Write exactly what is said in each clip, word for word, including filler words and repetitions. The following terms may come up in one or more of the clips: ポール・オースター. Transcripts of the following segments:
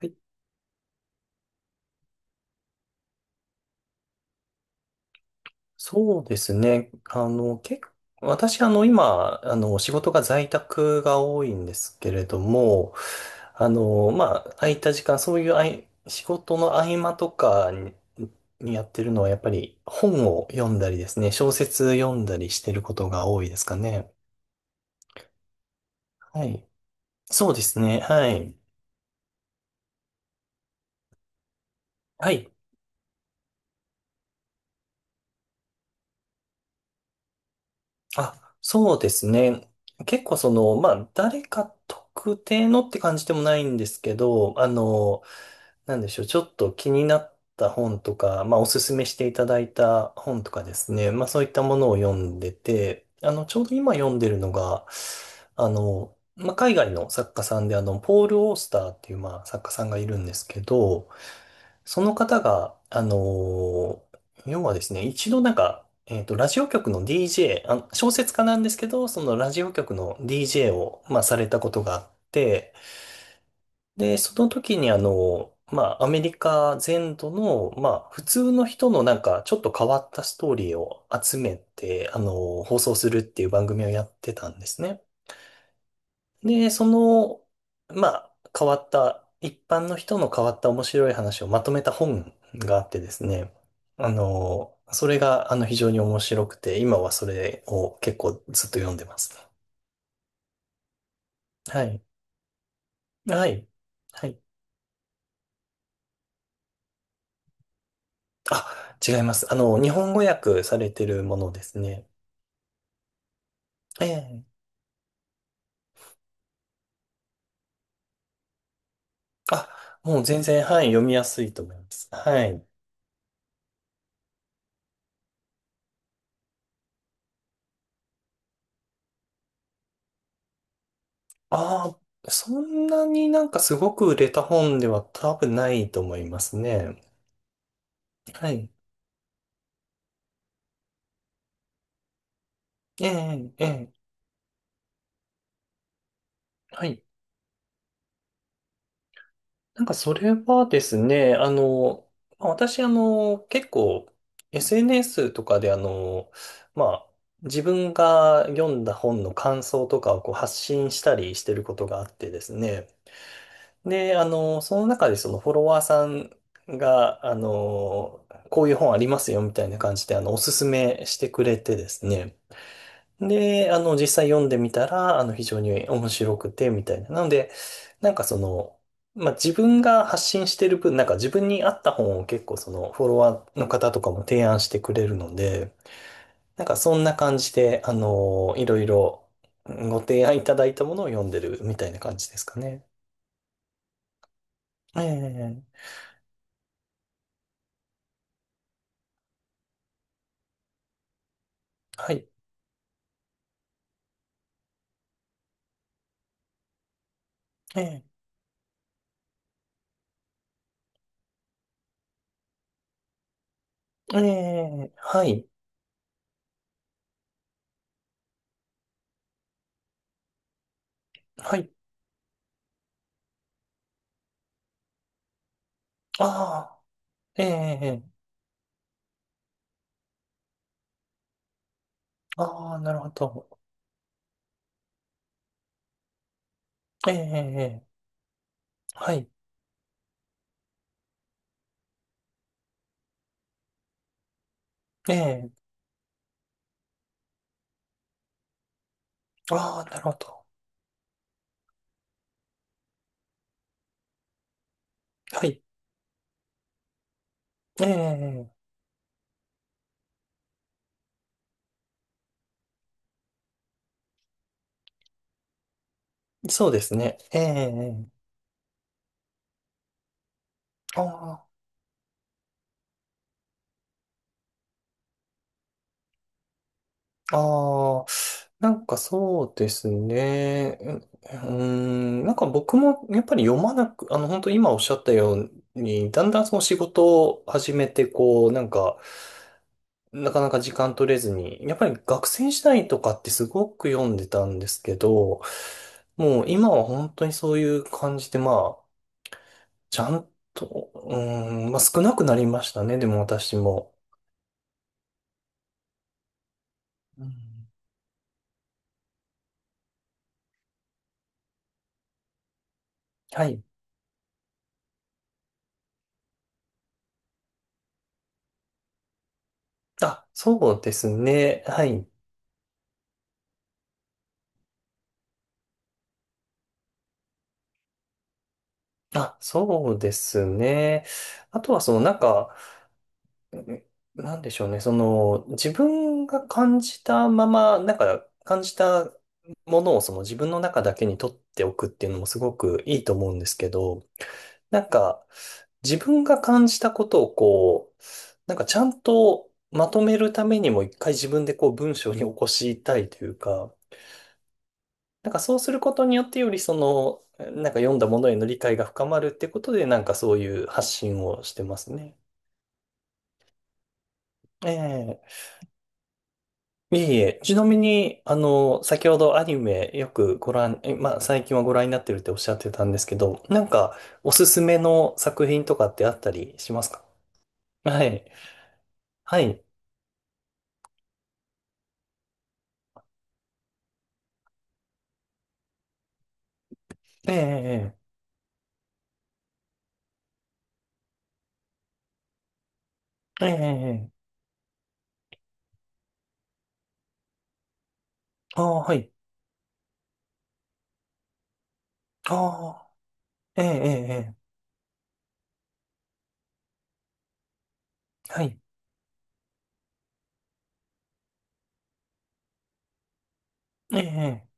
はい。そうですね。あの、結構、私、あの、今、あの、仕事が在宅が多いんですけれども、あの、まあ、空いた時間、そういうあい、仕事の合間とかに、にやってるのは、やっぱり本を読んだりですね、小説読んだりしてることが多いですかね。はい。そうですね。はい。はい。あ、そうですね。結構その、まあ、誰か特定のって感じでもないんですけど、あの、なんでしょう、ちょっと気になった本とか、まあ、おすすめしていただいた本とかですね、まあ、そういったものを読んでて、あの、ちょうど今読んでるのが、あの、まあ、海外の作家さんで、あの、ポール・オースターっていう、まあ、作家さんがいるんですけど、その方が、あの、要はですね、一度なんか、えっと、ラジオ局の ディージェー、あの、小説家なんですけど、そのラジオ局の ディージェー を、まあ、されたことがあって、で、その時にあの、まあ、アメリカ全土の、まあ、普通の人のなんか、ちょっと変わったストーリーを集めて、あの、放送するっていう番組をやってたんですね。で、その、まあ、変わった、一般の人の変わった面白い話をまとめた本があってですね、あの、それが、あの、非常に面白くて、今はそれを結構ずっと読んでますね。はい。はい。はい。あ、違います。あの、日本語訳されてるものですね。ええ。あ、もう全然、はい、読みやすいと思います。はい。ああ、そんなになんかすごく売れた本では多分ないと思いますね。はい。ええ、ええ、はい。なんかそれはですね、あの、まあ私、あの、結構、エスエヌエス とかであの、まあ、自分が読んだ本の感想とかをこう発信したりしてることがあってですね。で、あの、その中でそのフォロワーさんが、あの、こういう本ありますよみたいな感じで、あの、おすすめしてくれてですね。で、あの、実際読んでみたら、あの、非常に面白くて、みたいな。なので、なんかその、まあ、自分が発信してる分、なんか自分に合った本を結構その、フォロワーの方とかも提案してくれるので、なんかそんな感じで、あの、いろいろご提案いただいたものを読んでるみたいな感じですかね。ええ、はい。ええ、ええ、はい、はい。ああ、ええ、ああ、なるほど。ええ、はい、ええ、ああ、なるほど。はい、ええ、そうですね。ええ、ああ、ああ、なんかそうですね。ううーん、なんか僕もやっぱり読まなく、あの、本当今おっしゃったように、だんだんその仕事を始めて、こう、なんか、なかなか時間取れずに、やっぱり学生時代とかってすごく読んでたんですけど、もう今は本当にそういう感じで、まあ、ちゃんと、うーん、まあ少なくなりましたね、でも私も。うん、はい。あ、そうですね。はい。あ、そうですね。あとはそのなんか、うん、なんでしょうね。その、自分が感じたまま、なんか感じたものをその自分の中だけに取っておくっていうのもすごくいいと思うんですけど、なんか自分が感じたことをこう、なんかちゃんとまとめるためにも一回自分でこう文章に起こしたいというか、なんかそうすることによってよりその、なんか読んだものへの理解が深まるってことで、なんかそういう発信をしてますね。ええ。いえいえ、ちなみに、あの、先ほどアニメよくご覧、え、まあ、最近はご覧になってるっておっしゃってたんですけど、なんか、おすすめの作品とかってあったりしますか？はい。はい。ええ、ええ、ええ、ええ。ああ、はい。ああ、ええ、ええ、ええ、はい。ええ、え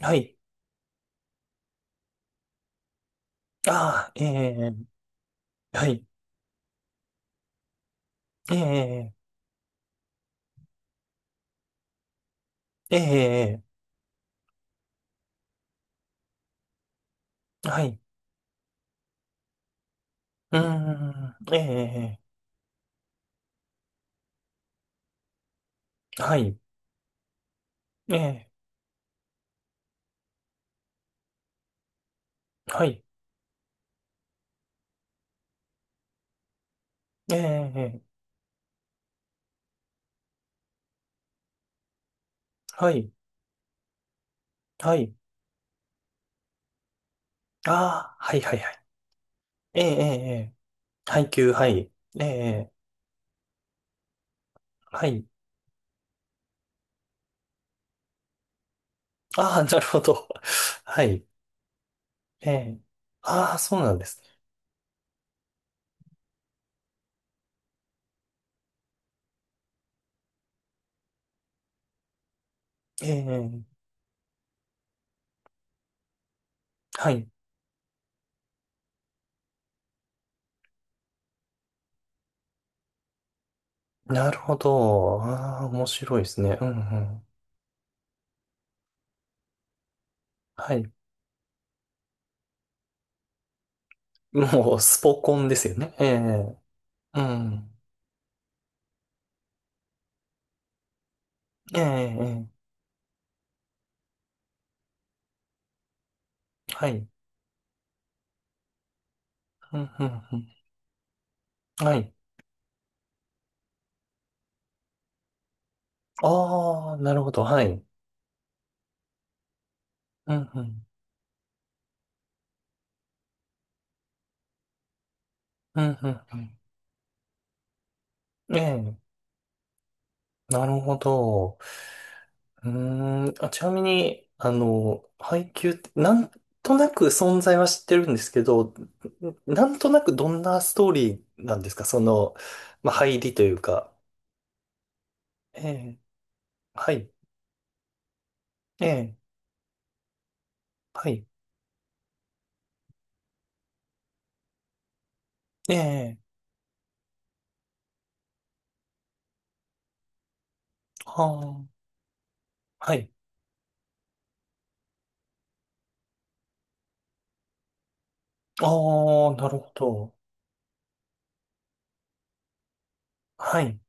え、はい。ああ、ええ、ええ、はい。ええ、ええ、ええ、ええ、はい。うーん、ええ、ええ、はい。ええ、はい。ええ、ええ、はい。はい。ああ、はい、はい、はい。ええ、ええ、ええ、配給、はい。ええ、ええ、はい。ああ、なるほど。はい。ええ。ああ、そうなんですね。ええ、ええ、はい。なるほど。ああ、面白いですね。うん、うん。はい。もう、スポコンですよね。ええ、うん。ええ、ええ、はい。うん、うん、うん。はい。ああ、なるほど。はい。うん、うん。うん、うん。うん、ええ、なるほど。うーん、あ、ちなみに、あの、配給って、なんとなく存在は知ってるんですけど、なんとなくどんなストーリーなんですかその、まあ、入りというか。ええ、はい、ええ、はい、ええ、はあ、はい。ああ、なるほど。はい、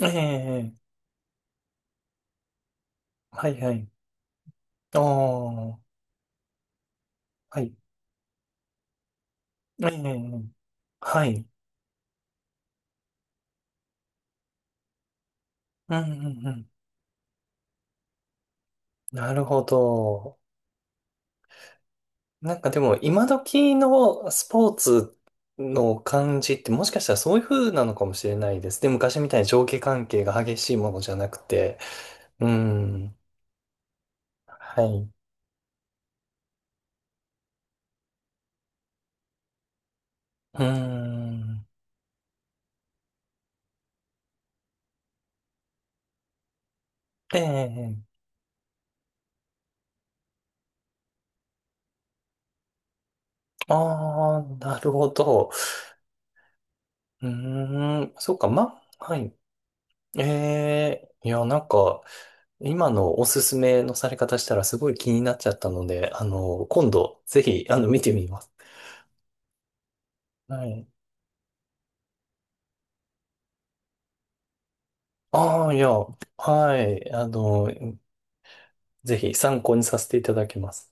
ええ、はい、はい。ああ、はい、ええ、はい。うん、うん、うん。なるほど。なんかでも今時のスポーツの感じってもしかしたらそういう風なのかもしれないです。で、昔みたいに上下関係が激しいものじゃなくて。うん。はい。うん。ええ。ああ、なるほど。うーん。そうか、ま、はい。ええ。いや、なんか、今のおすすめのされ方したらすごい気になっちゃったので、あの、今度、ぜひ、あの、見てみます。はい。ああ、いや、はい。あの、ぜひ参考にさせていただきます。